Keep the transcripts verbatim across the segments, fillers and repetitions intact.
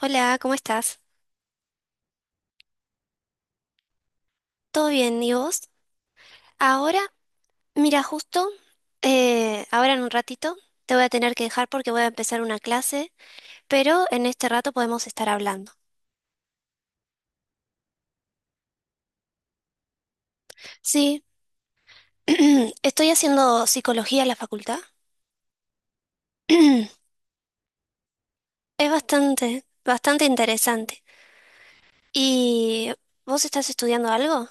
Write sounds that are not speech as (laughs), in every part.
Hola, ¿cómo estás? ¿Todo bien? ¿Y vos? Ahora, mira, justo, eh, ahora en un ratito te voy a tener que dejar porque voy a empezar una clase, pero en este rato podemos estar hablando. Sí, (clears throat) estoy haciendo psicología en la facultad. (clears throat) Es bastante, bastante interesante. ¿Y vos estás estudiando algo?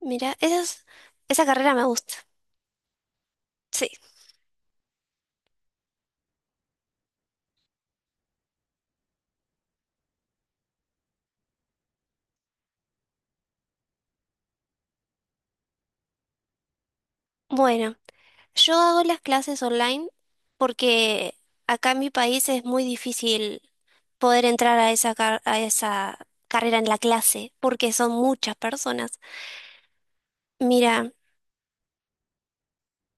Mira, esa, es- esa carrera me gusta. Sí. Bueno, yo hago las clases online porque acá en mi país es muy difícil poder entrar a esa, car- a esa carrera en la clase, porque son muchas personas. Mira,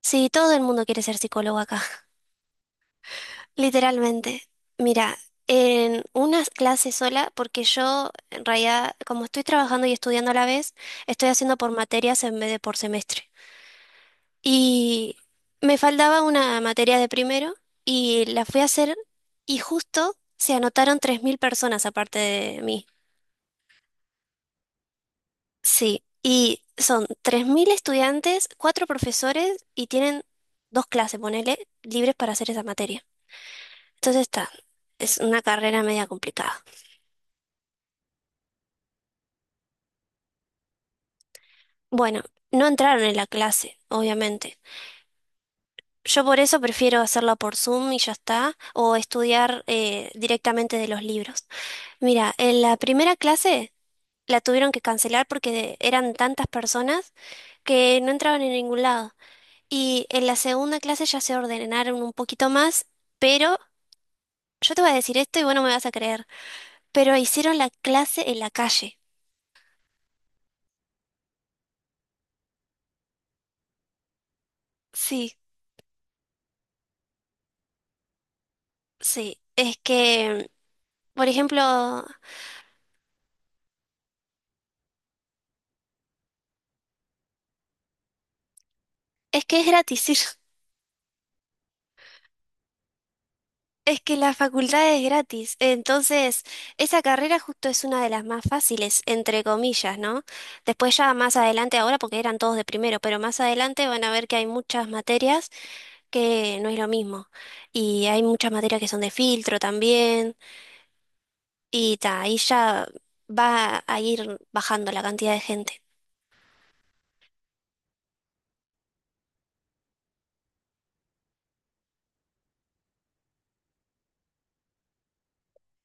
si todo el mundo quiere ser psicólogo acá, (laughs) literalmente. Mira, en una clase sola, porque yo en realidad, como estoy trabajando y estudiando a la vez, estoy haciendo por materias en vez de por semestre. Y me faltaba una materia de primero y la fui a hacer y justo se anotaron tres mil personas aparte de mí. Sí, y son tres mil estudiantes, cuatro profesores y tienen dos clases, ponele, libres para hacer esa materia. Entonces está, es una carrera media complicada. Bueno, no entraron en la clase, obviamente. Yo por eso prefiero hacerla por Zoom y ya está, o estudiar eh, directamente de los libros. Mira, en la primera clase la tuvieron que cancelar porque eran tantas personas que no entraban en ningún lado. Y en la segunda clase ya se ordenaron un poquito más, pero yo te voy a decir esto y bueno me vas a creer. Pero hicieron la clase en la calle. Sí, sí. Es que, por ejemplo, es que es gratis ir. (laughs) Es que la facultad es gratis. Entonces, esa carrera justo es una de las más fáciles, entre comillas, ¿no? Después ya más adelante, ahora porque eran todos de primero, pero más adelante van a ver que hay muchas materias que no es lo mismo. Y hay muchas materias que son de filtro también. Y ta, ahí ya va a ir bajando la cantidad de gente.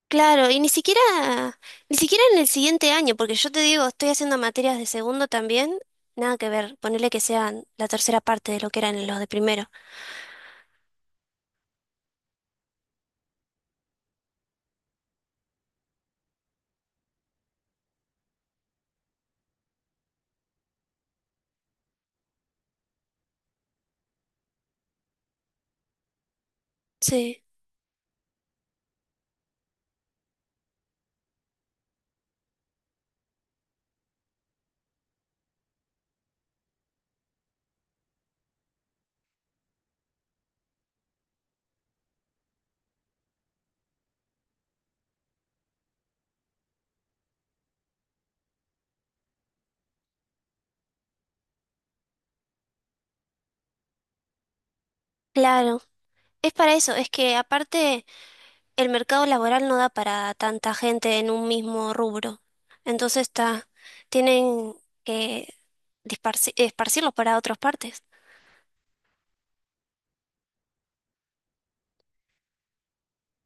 Claro, y ni siquiera, ni siquiera en el siguiente año, porque yo te digo, estoy haciendo materias de segundo también, nada que ver, ponerle que sean la tercera parte de lo que eran los de primero. Sí, claro. Es para eso, es que aparte el mercado laboral no da para tanta gente en un mismo rubro. Entonces está, tienen que disparci- esparcirlos para otras partes.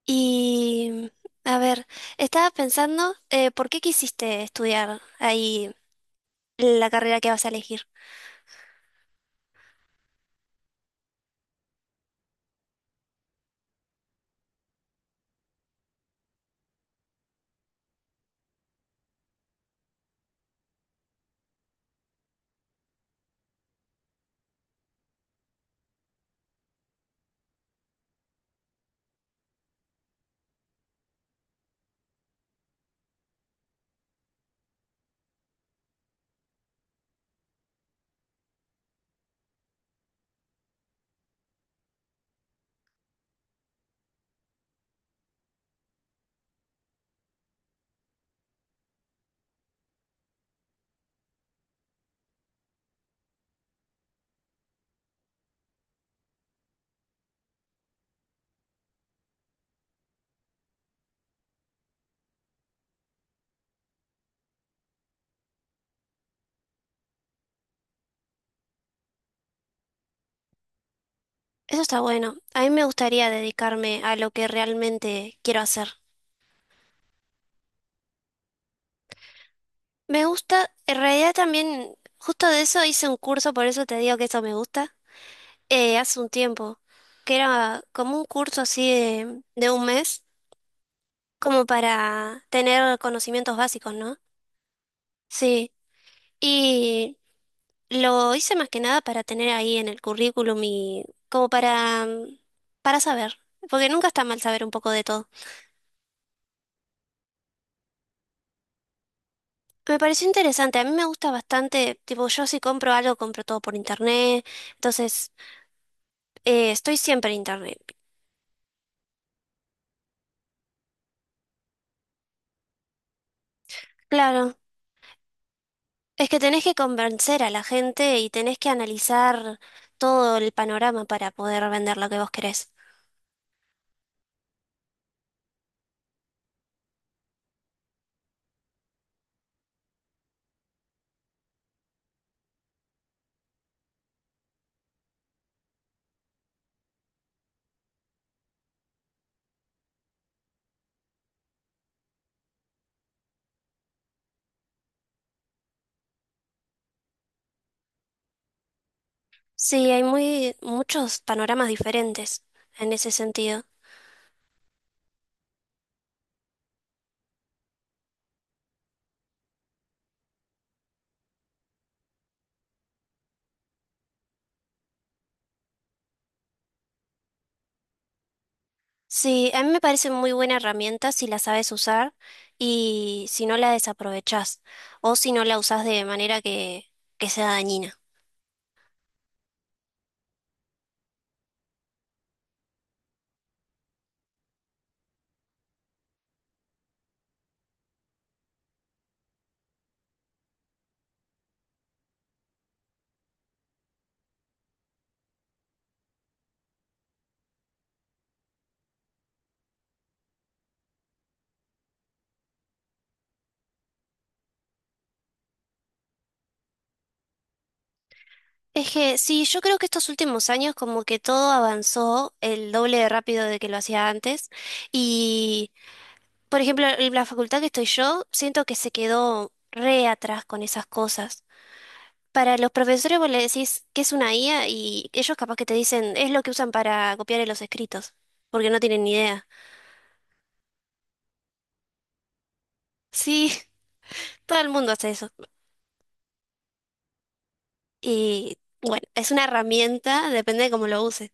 Y, a ver, estaba pensando, eh, ¿por qué quisiste estudiar ahí la carrera que vas a elegir? Eso está bueno. A mí me gustaría dedicarme a lo que realmente quiero hacer. Me gusta, en realidad también, justo de eso hice un curso, por eso te digo que eso me gusta, eh, hace un tiempo, que era como un curso así de, de un mes, como para tener conocimientos básicos, ¿no? Sí. Y lo hice más que nada para tener ahí en el currículum y como para, mm, para saber, porque nunca está mal saber un poco de todo. Me pareció interesante, a mí me gusta bastante, tipo yo si compro algo, compro todo por internet, entonces eh, estoy siempre en internet. Claro, es que tenés que convencer a la gente y tenés que analizar todo el panorama para poder vender lo que vos querés. Sí, hay muy muchos panoramas diferentes en ese sentido. Sí, a mí me parece muy buena herramienta si la sabes usar y si no la desaprovechás o si no la usás de manera que, que sea dañina. Es que sí, yo creo que estos últimos años como que todo avanzó el doble de rápido de que lo hacía antes y, por ejemplo, en la facultad que estoy yo, siento que se quedó re atrás con esas cosas. Para los profesores vos le decís que es una I A y ellos capaz que te dicen es lo que usan para copiar en los escritos, porque no tienen ni idea. Sí, todo el mundo hace eso. Y bueno, es una herramienta, depende de cómo lo uses.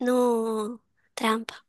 No, trampa.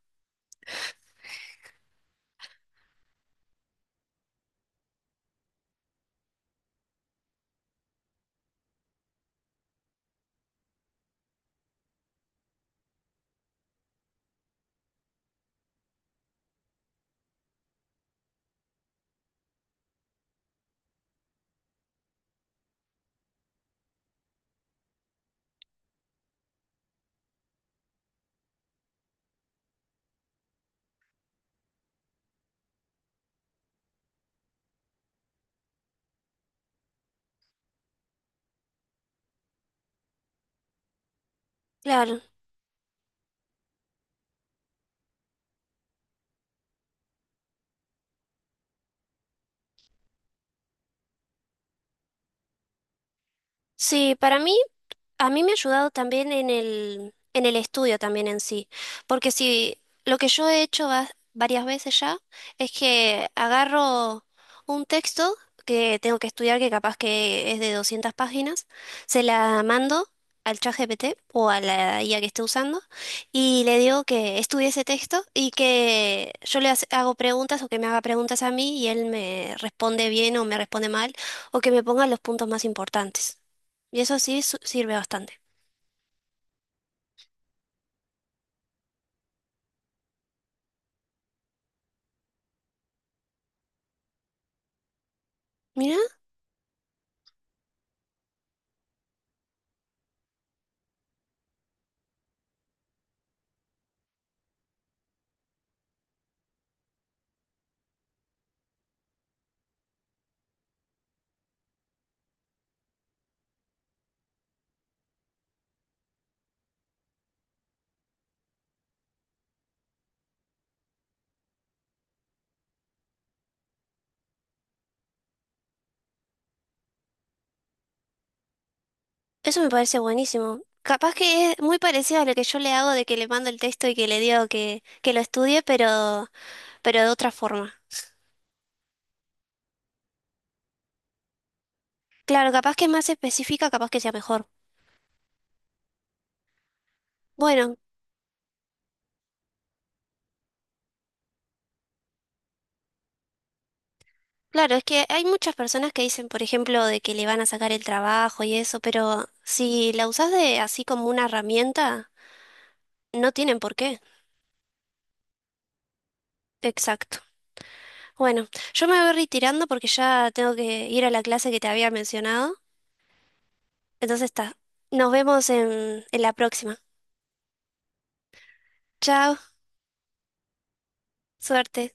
Claro. Sí, para mí. A mí me ha ayudado también en el, en el estudio también en sí, porque si lo que yo he hecho va- varias veces ya es que agarro un texto que tengo que estudiar, que capaz que es de doscientas páginas, se la mando al ChatGPT o a la I A que esté usando y le digo que estudie ese texto y que yo le hace- hago preguntas o que me haga preguntas a mí y él me responde bien o me responde mal o que me ponga los puntos más importantes. Y eso sí su- sirve bastante. Mira, eso me parece buenísimo. Capaz que es muy parecido a lo que yo le hago de que le mando el texto y que le digo que, que lo estudie, pero, pero de otra forma. Claro, capaz que es más específica, capaz que sea mejor. Bueno, claro, es que hay muchas personas que dicen, por ejemplo, de que le van a sacar el trabajo y eso, pero si la usas de así como una herramienta, no tienen por qué. Exacto. Bueno, yo me voy retirando porque ya tengo que ir a la clase que te había mencionado. Entonces está. Nos vemos en, en la próxima. Chao. Suerte.